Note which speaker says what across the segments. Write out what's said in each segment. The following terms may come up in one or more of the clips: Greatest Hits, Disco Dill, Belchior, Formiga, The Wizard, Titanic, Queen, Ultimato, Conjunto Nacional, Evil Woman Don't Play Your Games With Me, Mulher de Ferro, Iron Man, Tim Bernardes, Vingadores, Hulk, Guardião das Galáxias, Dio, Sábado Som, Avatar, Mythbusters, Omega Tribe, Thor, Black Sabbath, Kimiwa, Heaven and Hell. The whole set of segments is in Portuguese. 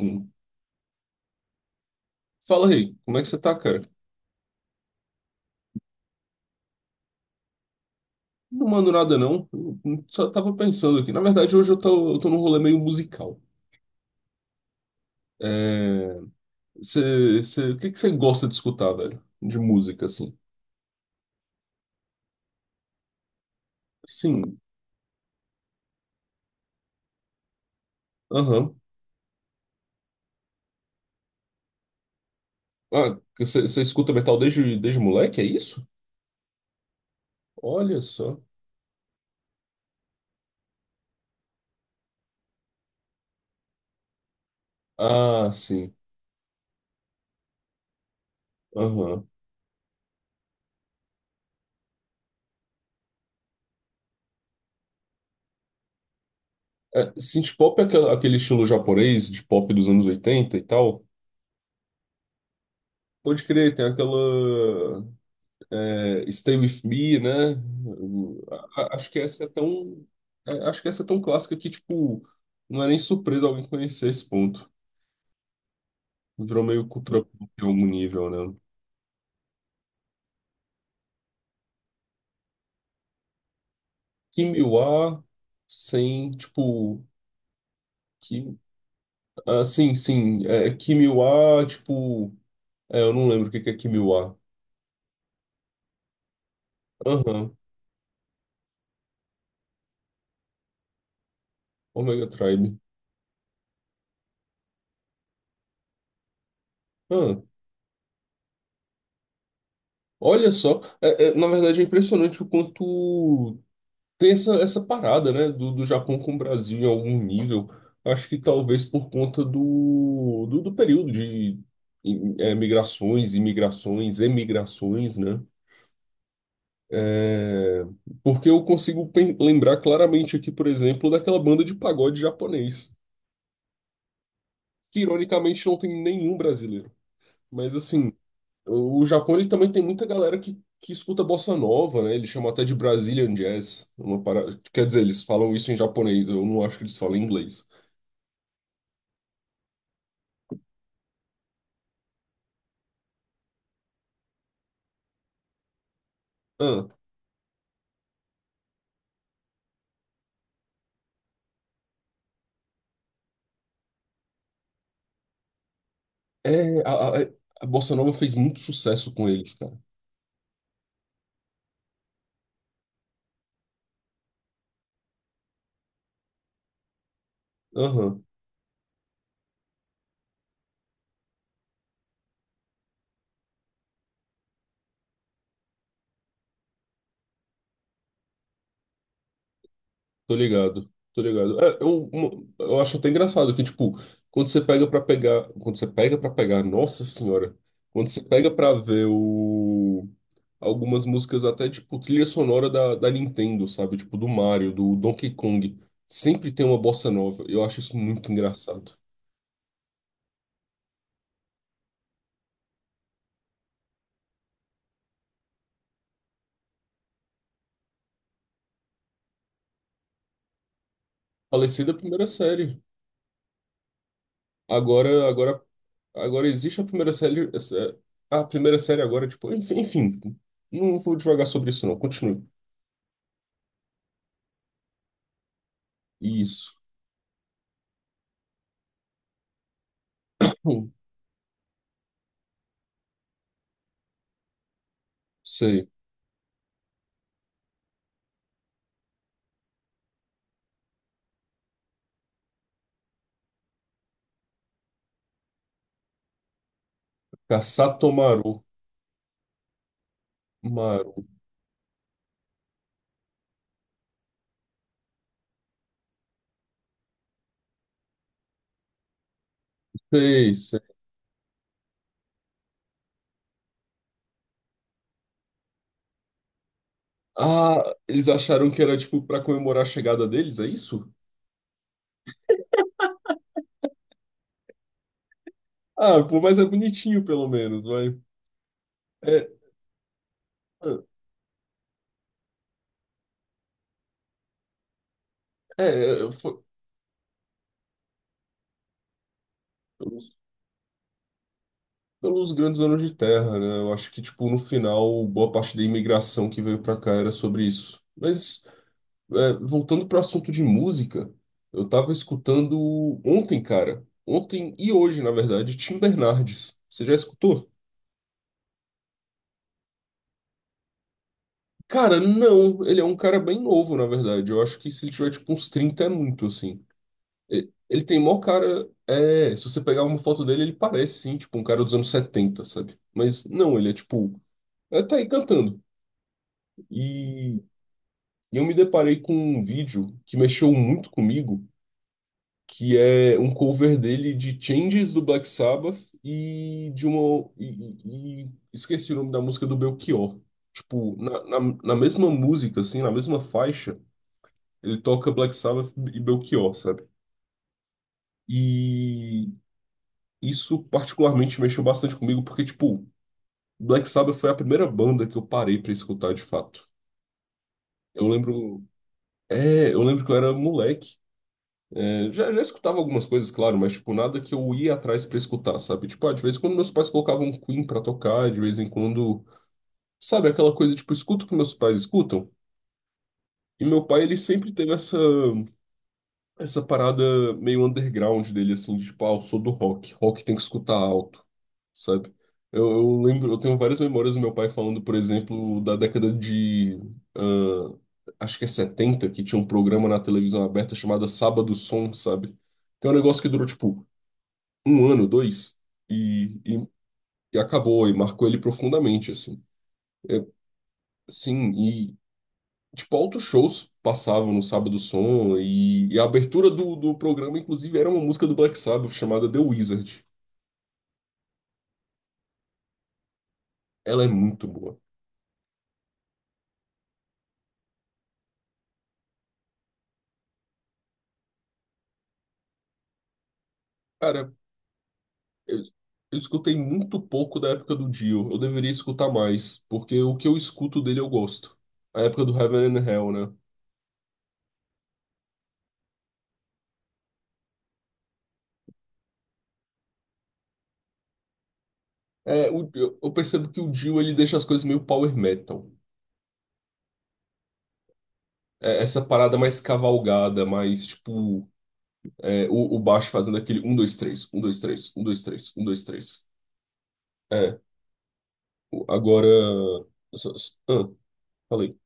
Speaker 1: Hum. Fala aí, como é que você tá, cara? Não mando nada, não. Eu só tava pensando aqui. Na verdade, hoje eu tô num rolê meio musical. É... o que que você gosta de escutar, velho? De música, assim. Sim, aham. Ah, você escuta metal desde, desde moleque, é isso? Olha só. Ah, sim, aham. É, synth pop é aquele estilo japonês de pop dos anos 80 e tal. Pode crer, tem aquela. É, Stay With Me, né? O- a- Acho que essa é tão, acho que essa é tão clássica que, tipo, não é nem surpresa alguém conhecer esse ponto. Virou meio cultura pop em algum nível, né? Kimiwa, sem, tipo, Kim... Ah, sim, sim, é, Kimiwa, tipo, é, eu não lembro o que que é Kimiwa. Aham, Omega Tribe. Ah, olha só, é, é, na verdade é impressionante o quanto tem essa, essa parada, né, do, do Japão com o Brasil em algum nível. Acho que talvez por conta do, do, do período de migrações, imigrações, emigrações, né? É, porque eu consigo lembrar claramente aqui, por exemplo, daquela banda de pagode japonês, que ironicamente não tem nenhum brasileiro. Mas assim, o Japão ele também tem muita galera que escuta bossa nova, né? Eles chamam até de Brazilian Jazz, uma quer dizer, eles falam isso em japonês, eu não acho que eles falam em inglês. Ah, é, a, é, a Bossa Nova fez muito sucesso com eles, cara. Aham, tô ligado, tô ligado. É, eu, eu acho até engraçado que, tipo, quando você pega pra pegar. Quando você pega pra pegar, nossa senhora. Quando você pega pra ver o. Algumas músicas até, tipo, trilha sonora da, da Nintendo, sabe? Tipo, do Mario, do Donkey Kong. Sempre tem uma bossa nova. Eu acho isso muito engraçado. Falei da primeira série. Agora, agora, agora existe a primeira série. A primeira série agora, tipo, enfim, enfim, não vou devagar sobre isso, não. Continue. Isso. Hum, sei. Kasatomaru. Maru. Sei, sei. Ah, eles acharam que era, tipo, pra comemorar a chegada deles, é isso? Ah, pô, mas é bonitinho, pelo menos, vai. É, é, é, foi pelos, pelos grandes anos de terra, né? Eu acho que, tipo, no final, boa parte da imigração que veio pra cá era sobre isso. Mas. É, voltando para o assunto de música, eu tava escutando ontem, cara. Ontem e hoje, na verdade, Tim Bernardes. Você já escutou? Cara, não. Ele é um cara bem novo, na verdade. Eu acho que se ele tiver, tipo, uns 30 é muito, assim. Ele tem mó cara... É, se você pegar uma foto dele, ele parece, sim, tipo, um cara dos anos 70, sabe? Mas não, ele é, tipo... É, tá aí cantando. E... E eu me deparei com um vídeo que mexeu muito comigo, que é um cover dele de Changes do Black Sabbath e de uma. E, esqueci o nome da música do Belchior. Tipo, na mesma música, assim, na mesma faixa, ele toca Black Sabbath e Belchior, sabe? E isso particularmente mexeu bastante comigo, porque, tipo, Black Sabbath foi a primeira banda que eu parei pra escutar de fato. Eu lembro. É, eu lembro que eu era moleque. É, já, já escutava algumas coisas, claro, mas, tipo, nada que eu ia atrás pra escutar, sabe? Tipo, ah, de vez em quando meus pais colocavam um Queen pra tocar, de vez em quando, sabe? Aquela coisa, tipo, escuto o que meus pais escutam. E meu pai, ele sempre teve essa, essa parada meio underground dele, assim, de, tipo, ah, eu sou do rock, rock tem que escutar alto, sabe? Eu lembro, eu tenho várias memórias do meu pai falando, por exemplo, da década de, ah, acho que é 70 que tinha um programa na televisão aberta chamado Sábado Som, sabe? Que é um negócio que durou, tipo, um ano, dois, e, e, e acabou, e marcou ele profundamente, assim. É, sim, e tipo, altos shows passavam no Sábado Som, e a abertura do, do programa, inclusive, era uma música do Black Sabbath chamada The Wizard. Ela é muito boa. Cara, eu, eu escutei muito pouco da época do Dio, eu deveria escutar mais, porque o que eu escuto dele eu gosto. A época do Heaven and Hell, né? É, eu percebo que o Dio ele deixa as coisas meio power metal. É, essa parada mais cavalgada, mais tipo. É, o baixo fazendo aquele um dois três um dois três um dois três um dois três É, agora. Ah, falei.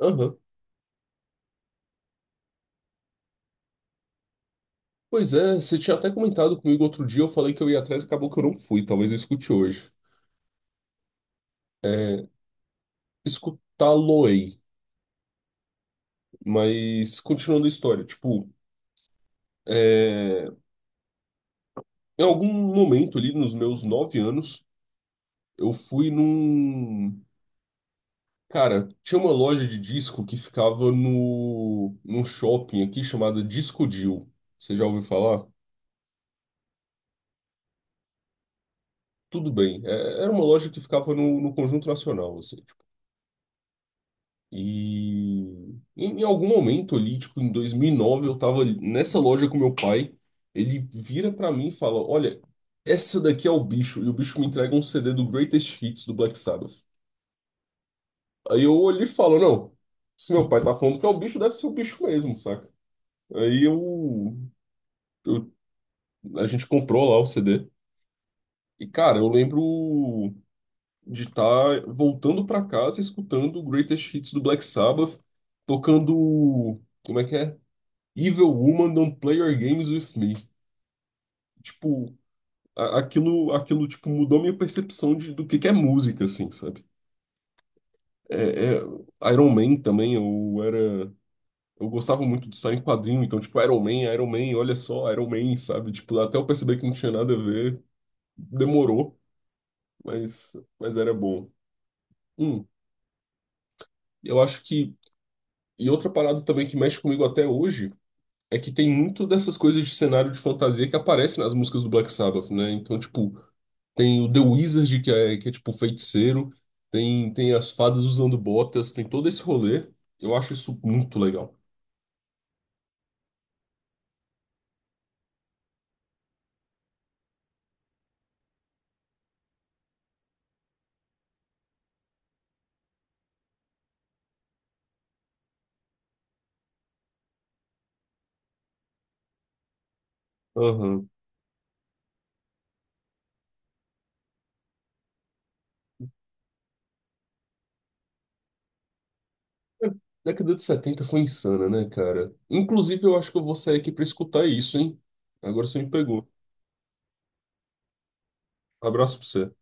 Speaker 1: Aham. Pois é, você tinha até comentado comigo outro dia, eu falei que eu ia atrás e acabou que eu não fui, talvez eu escute hoje. É, escutá-lo-ei. Mas continuando a história, tipo, é, em algum momento ali nos meus 9 anos, eu fui num. Cara, tinha uma loja de disco que ficava no, num shopping aqui chamada Disco Dill. Você já ouviu falar? Tudo bem. Era uma loja que ficava no, no Conjunto Nacional, assim, tipo. E em, em algum momento ali, tipo, em 2009, eu tava nessa loja com meu pai. Ele vira pra mim e fala: Olha, essa daqui é o bicho. E o bicho me entrega um CD do Greatest Hits do Black Sabbath. Aí eu olhei e falo: Não, se meu pai tá falando que é o bicho, deve ser o bicho mesmo, saca? Aí eu. Eu A gente comprou lá o CD. E, cara, eu lembro de estar voltando pra casa escutando o Greatest Hits do Black Sabbath, tocando. Como é que é? Evil Woman Don't Play Your Games With Me. Tipo, aquilo, aquilo tipo, mudou minha percepção de, do que é música, assim, sabe? É, é, Iron Man também, eu era. Eu gostava muito de história em quadrinho, então, tipo, Iron Man, Iron Man, olha só, Iron Man, sabe? Tipo, até eu perceber que não tinha nada a ver, demorou, mas era bom. Hum, eu acho que. E outra parada também que mexe comigo até hoje é que tem muito dessas coisas de cenário de fantasia que aparecem nas músicas do Black Sabbath, né? Então, tipo, tem o The Wizard, que é tipo feiticeiro, tem, tem as fadas usando botas, tem todo esse rolê. Eu acho isso muito legal. Aham. A década de 70 foi insana, né, cara? Inclusive, eu acho que eu vou sair aqui pra escutar isso, hein? Agora você me pegou. Abraço pra você.